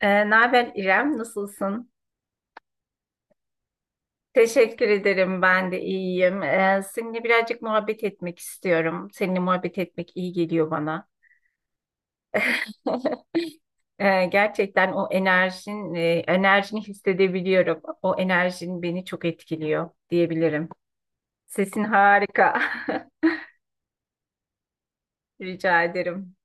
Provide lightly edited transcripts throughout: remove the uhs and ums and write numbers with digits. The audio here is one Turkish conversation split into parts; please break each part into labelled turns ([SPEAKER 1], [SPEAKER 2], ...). [SPEAKER 1] Naber İrem, nasılsın? Teşekkür ederim, ben de iyiyim. Seninle birazcık muhabbet etmek istiyorum. Seninle muhabbet etmek iyi geliyor bana. Gerçekten enerjini hissedebiliyorum. O enerjin beni çok etkiliyor diyebilirim. Sesin harika. Rica ederim.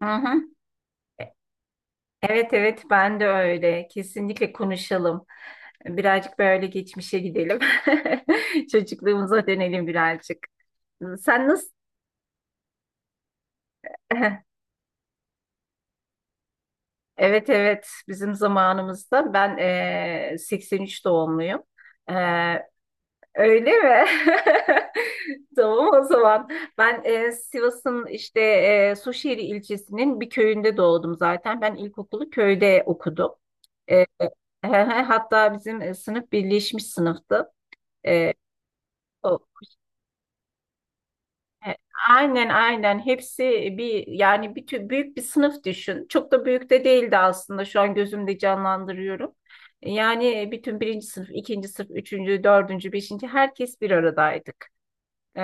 [SPEAKER 1] Hı hı. Evet evet, ben de öyle. Kesinlikle konuşalım. Birazcık böyle geçmişe gidelim. Çocukluğumuza dönelim birazcık. Sen nasıl Evet evet, bizim zamanımızda ben 83 doğumluyum. Eee, Öyle mi? Tamam o zaman. Ben Sivas'ın işte Suşehir ilçesinin bir köyünde doğdum zaten. Ben ilkokulu köyde okudum. Eee, Hatta bizim sınıf birleşmiş sınıftı. Ee, o- E, Aynen aynen, hepsi bir, yani büyük bir sınıf düşün. Çok da büyük de değildi aslında, şu an gözümde canlandırıyorum. Yani bütün birinci sınıf, ikinci sınıf, üçüncü, dördüncü, beşinci, herkes bir aradaydık. Ee,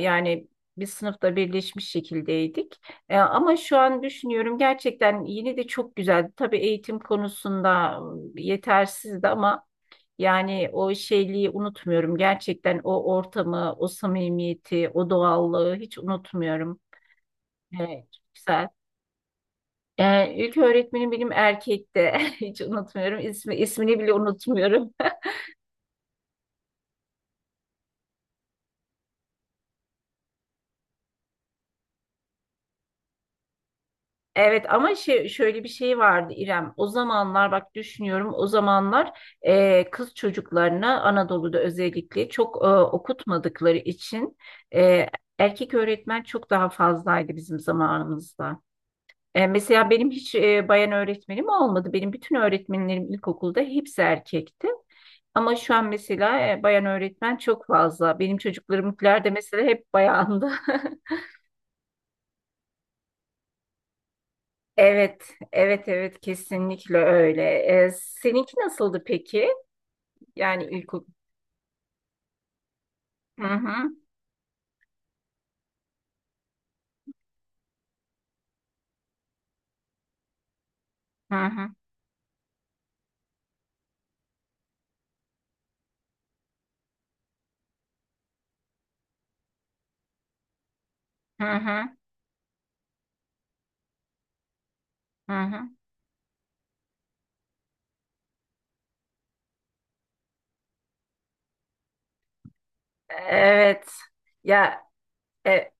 [SPEAKER 1] Yani biz sınıfta birleşmiş şekildeydik. Ama şu an düşünüyorum, gerçekten yine de çok güzeldi. Tabii eğitim konusunda yetersizdi ama yani o şeyliği unutmuyorum. Gerçekten o ortamı, o samimiyeti, o doğallığı hiç unutmuyorum. Evet, çok güzel. İlk öğretmenim benim erkekti. Hiç unutmuyorum. İsmi, ismini bile unutmuyorum. Evet ama şöyle bir şey vardı İrem. O zamanlar bak düşünüyorum, o zamanlar kız çocuklarına Anadolu'da özellikle çok okutmadıkları için e, erkek öğretmen çok daha fazlaydı bizim zamanımızda. Mesela benim hiç bayan öğretmenim olmadı. Benim bütün öğretmenlerim ilkokulda hepsi erkekti. Ama şu an mesela bayan öğretmen çok fazla. Benim çocuklarımkiler de mesela hep bayandı. Evet, evet, evet, kesinlikle öyle. Seninki nasıldı peki? Yani ilk Hı hı, hı hı, hı hı, hı hı. Evet. Ya e,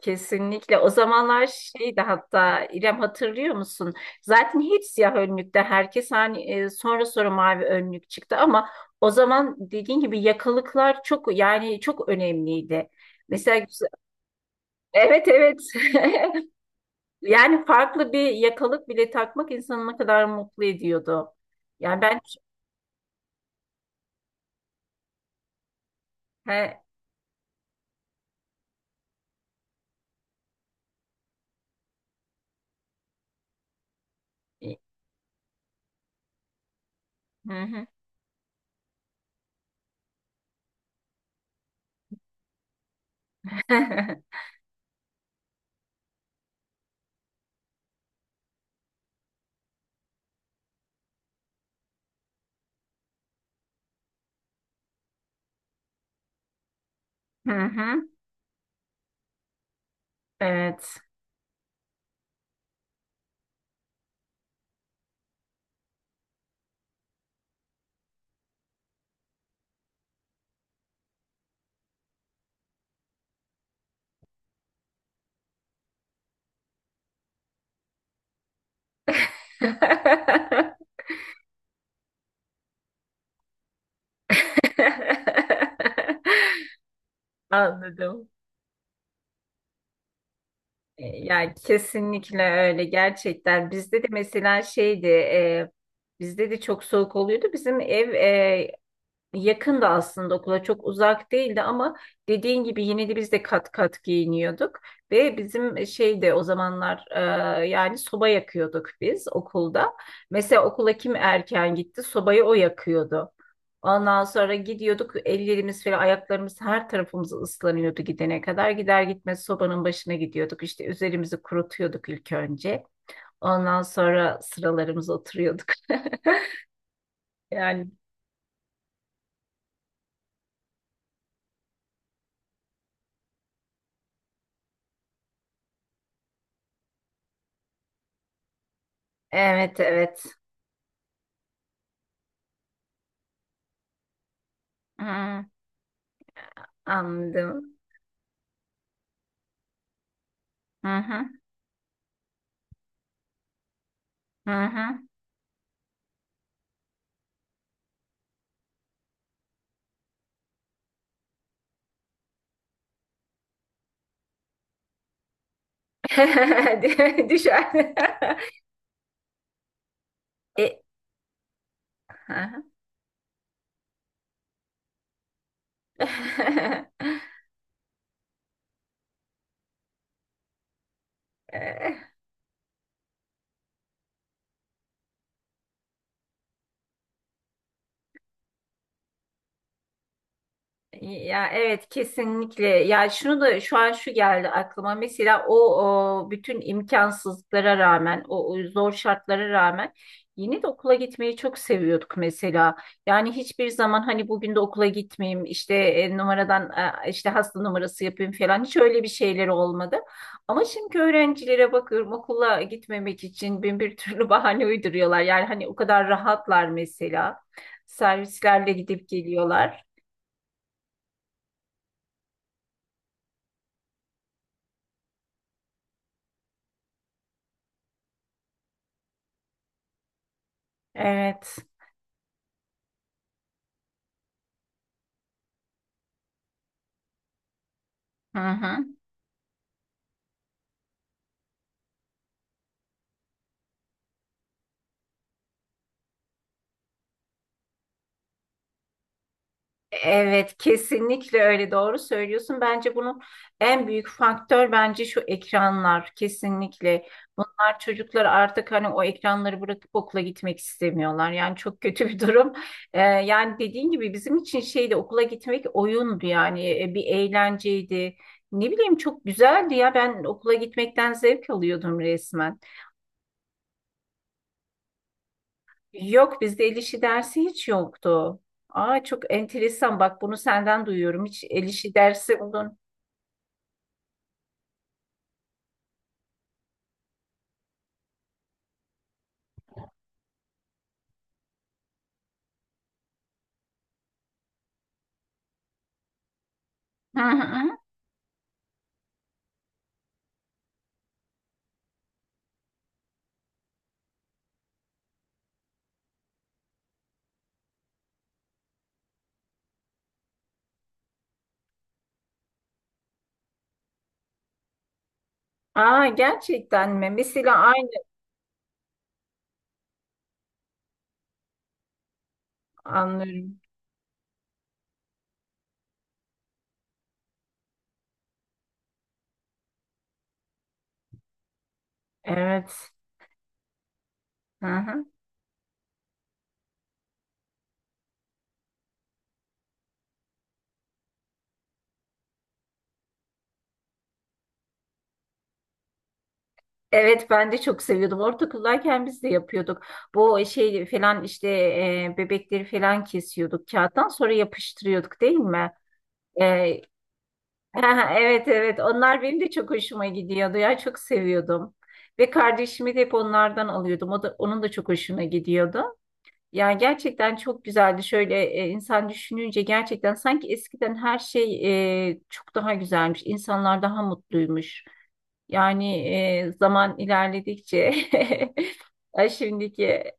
[SPEAKER 1] kesinlikle. O zamanlar şeydi, hatta İrem, hatırlıyor musun? Zaten hep siyah önlükte herkes, hani sonra sonra mavi önlük çıktı ama o zaman dediğin gibi yakalıklar çok, yani çok önemliydi. Mesela güzel- evet evet. Yani farklı bir yakalık bile takmak insanı ne kadar mutlu ediyordu. Yani ben He, hı hı. Hı hı. Evet. Anladım. Yani kesinlikle öyle, gerçekten. Bizde de mesela şeydi, bizde de çok soğuk oluyordu. Bizim ev Yakın da aslında, okula çok uzak değildi ama dediğin gibi yine de biz de kat kat giyiniyorduk ve bizim şey de o zamanlar, yani soba yakıyorduk biz okulda. Mesela okula kim erken gitti, sobayı o yakıyordu. Ondan sonra gidiyorduk, ellerimiz falan, ayaklarımız, her tarafımız ıslanıyordu gidene kadar. Gider gitmez sobanın başına gidiyorduk, işte üzerimizi kurutuyorduk ilk önce. Ondan sonra sıralarımıza oturuyorduk. Yani evet evet. Hmm, anladım. Hı hı. Hı hı. Düşer. E, hı hı. Ya evet, kesinlikle. Ya şunu da, şu an şu geldi aklıma. Mesela o bütün imkansızlıklara rağmen, o zor şartlara rağmen yine de okula gitmeyi çok seviyorduk mesela. Yani hiçbir zaman hani bugün de okula gitmeyeyim, işte numaradan, işte hasta numarası yapayım falan, hiç öyle bir şeyler olmadı. Ama şimdi öğrencilere bakıyorum, okula gitmemek için bin bir türlü bahane uyduruyorlar. Yani hani o kadar rahatlar mesela. Servislerle gidip geliyorlar. Evet. Hı hı. Evet, kesinlikle öyle, doğru söylüyorsun. Bence bunun en büyük faktör bence şu ekranlar, kesinlikle. Bunlar, çocuklar artık hani o ekranları bırakıp okula gitmek istemiyorlar. Yani çok kötü bir durum. Yani dediğin gibi bizim için şeydi, okula gitmek oyundu yani, bir eğlenceydi. Ne bileyim, çok güzeldi ya, ben okula gitmekten zevk alıyordum resmen. Yok, bizde el işi dersi hiç yoktu. Aa, çok enteresan, bak, bunu senden duyuyorum. Hiç el işi dersi olun. Hı hı. Aa, gerçekten mi? Mesela aynı anlıyorum. Evet. Hı hı. Evet, ben de çok seviyordum. Ortaokuldayken biz de yapıyorduk. Bu şey falan, işte bebekleri falan kesiyorduk kağıttan, sonra yapıştırıyorduk, değil mi? E, Evet evet, onlar benim de çok hoşuma gidiyordu ya, çok seviyordum. Ve kardeşimi de hep onlardan alıyordum. O da, onun da çok hoşuna gidiyordu. Yani gerçekten çok güzeldi. Şöyle insan düşününce, gerçekten sanki eskiden her şey çok daha güzelmiş. İnsanlar daha mutluymuş. Yani zaman ilerledikçe Ay, şimdiki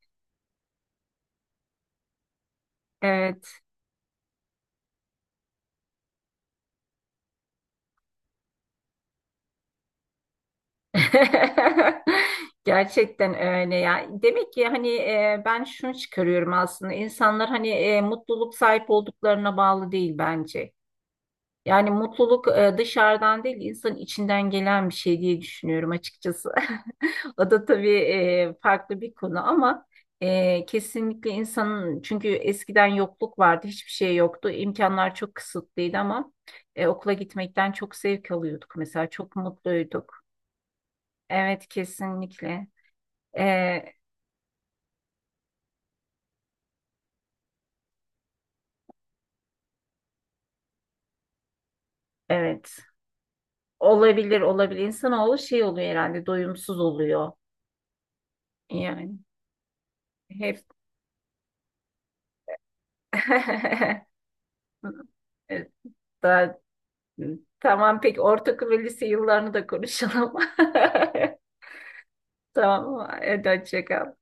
[SPEAKER 1] evet. Gerçekten öyle ya. Demek ki hani ben şunu çıkarıyorum aslında. İnsanlar hani mutluluk sahip olduklarına bağlı değil bence. Yani mutluluk dışarıdan değil, insanın içinden gelen bir şey diye düşünüyorum açıkçası. O da tabii farklı bir konu ama kesinlikle insanın, çünkü eskiden yokluk vardı, hiçbir şey yoktu. İmkanlar çok kısıtlıydı ama okula gitmekten çok zevk alıyorduk mesela, çok mutluyduk. Evet, kesinlikle. Ee, evet. Olabilir, olabilir. İnsanoğlu şey oluyor herhalde, doyumsuz oluyor. Yani hep Evet, daha... Tamam, peki ortaokul ve lise yıllarını da konuşalım. Tamam, hadi hoşça kal.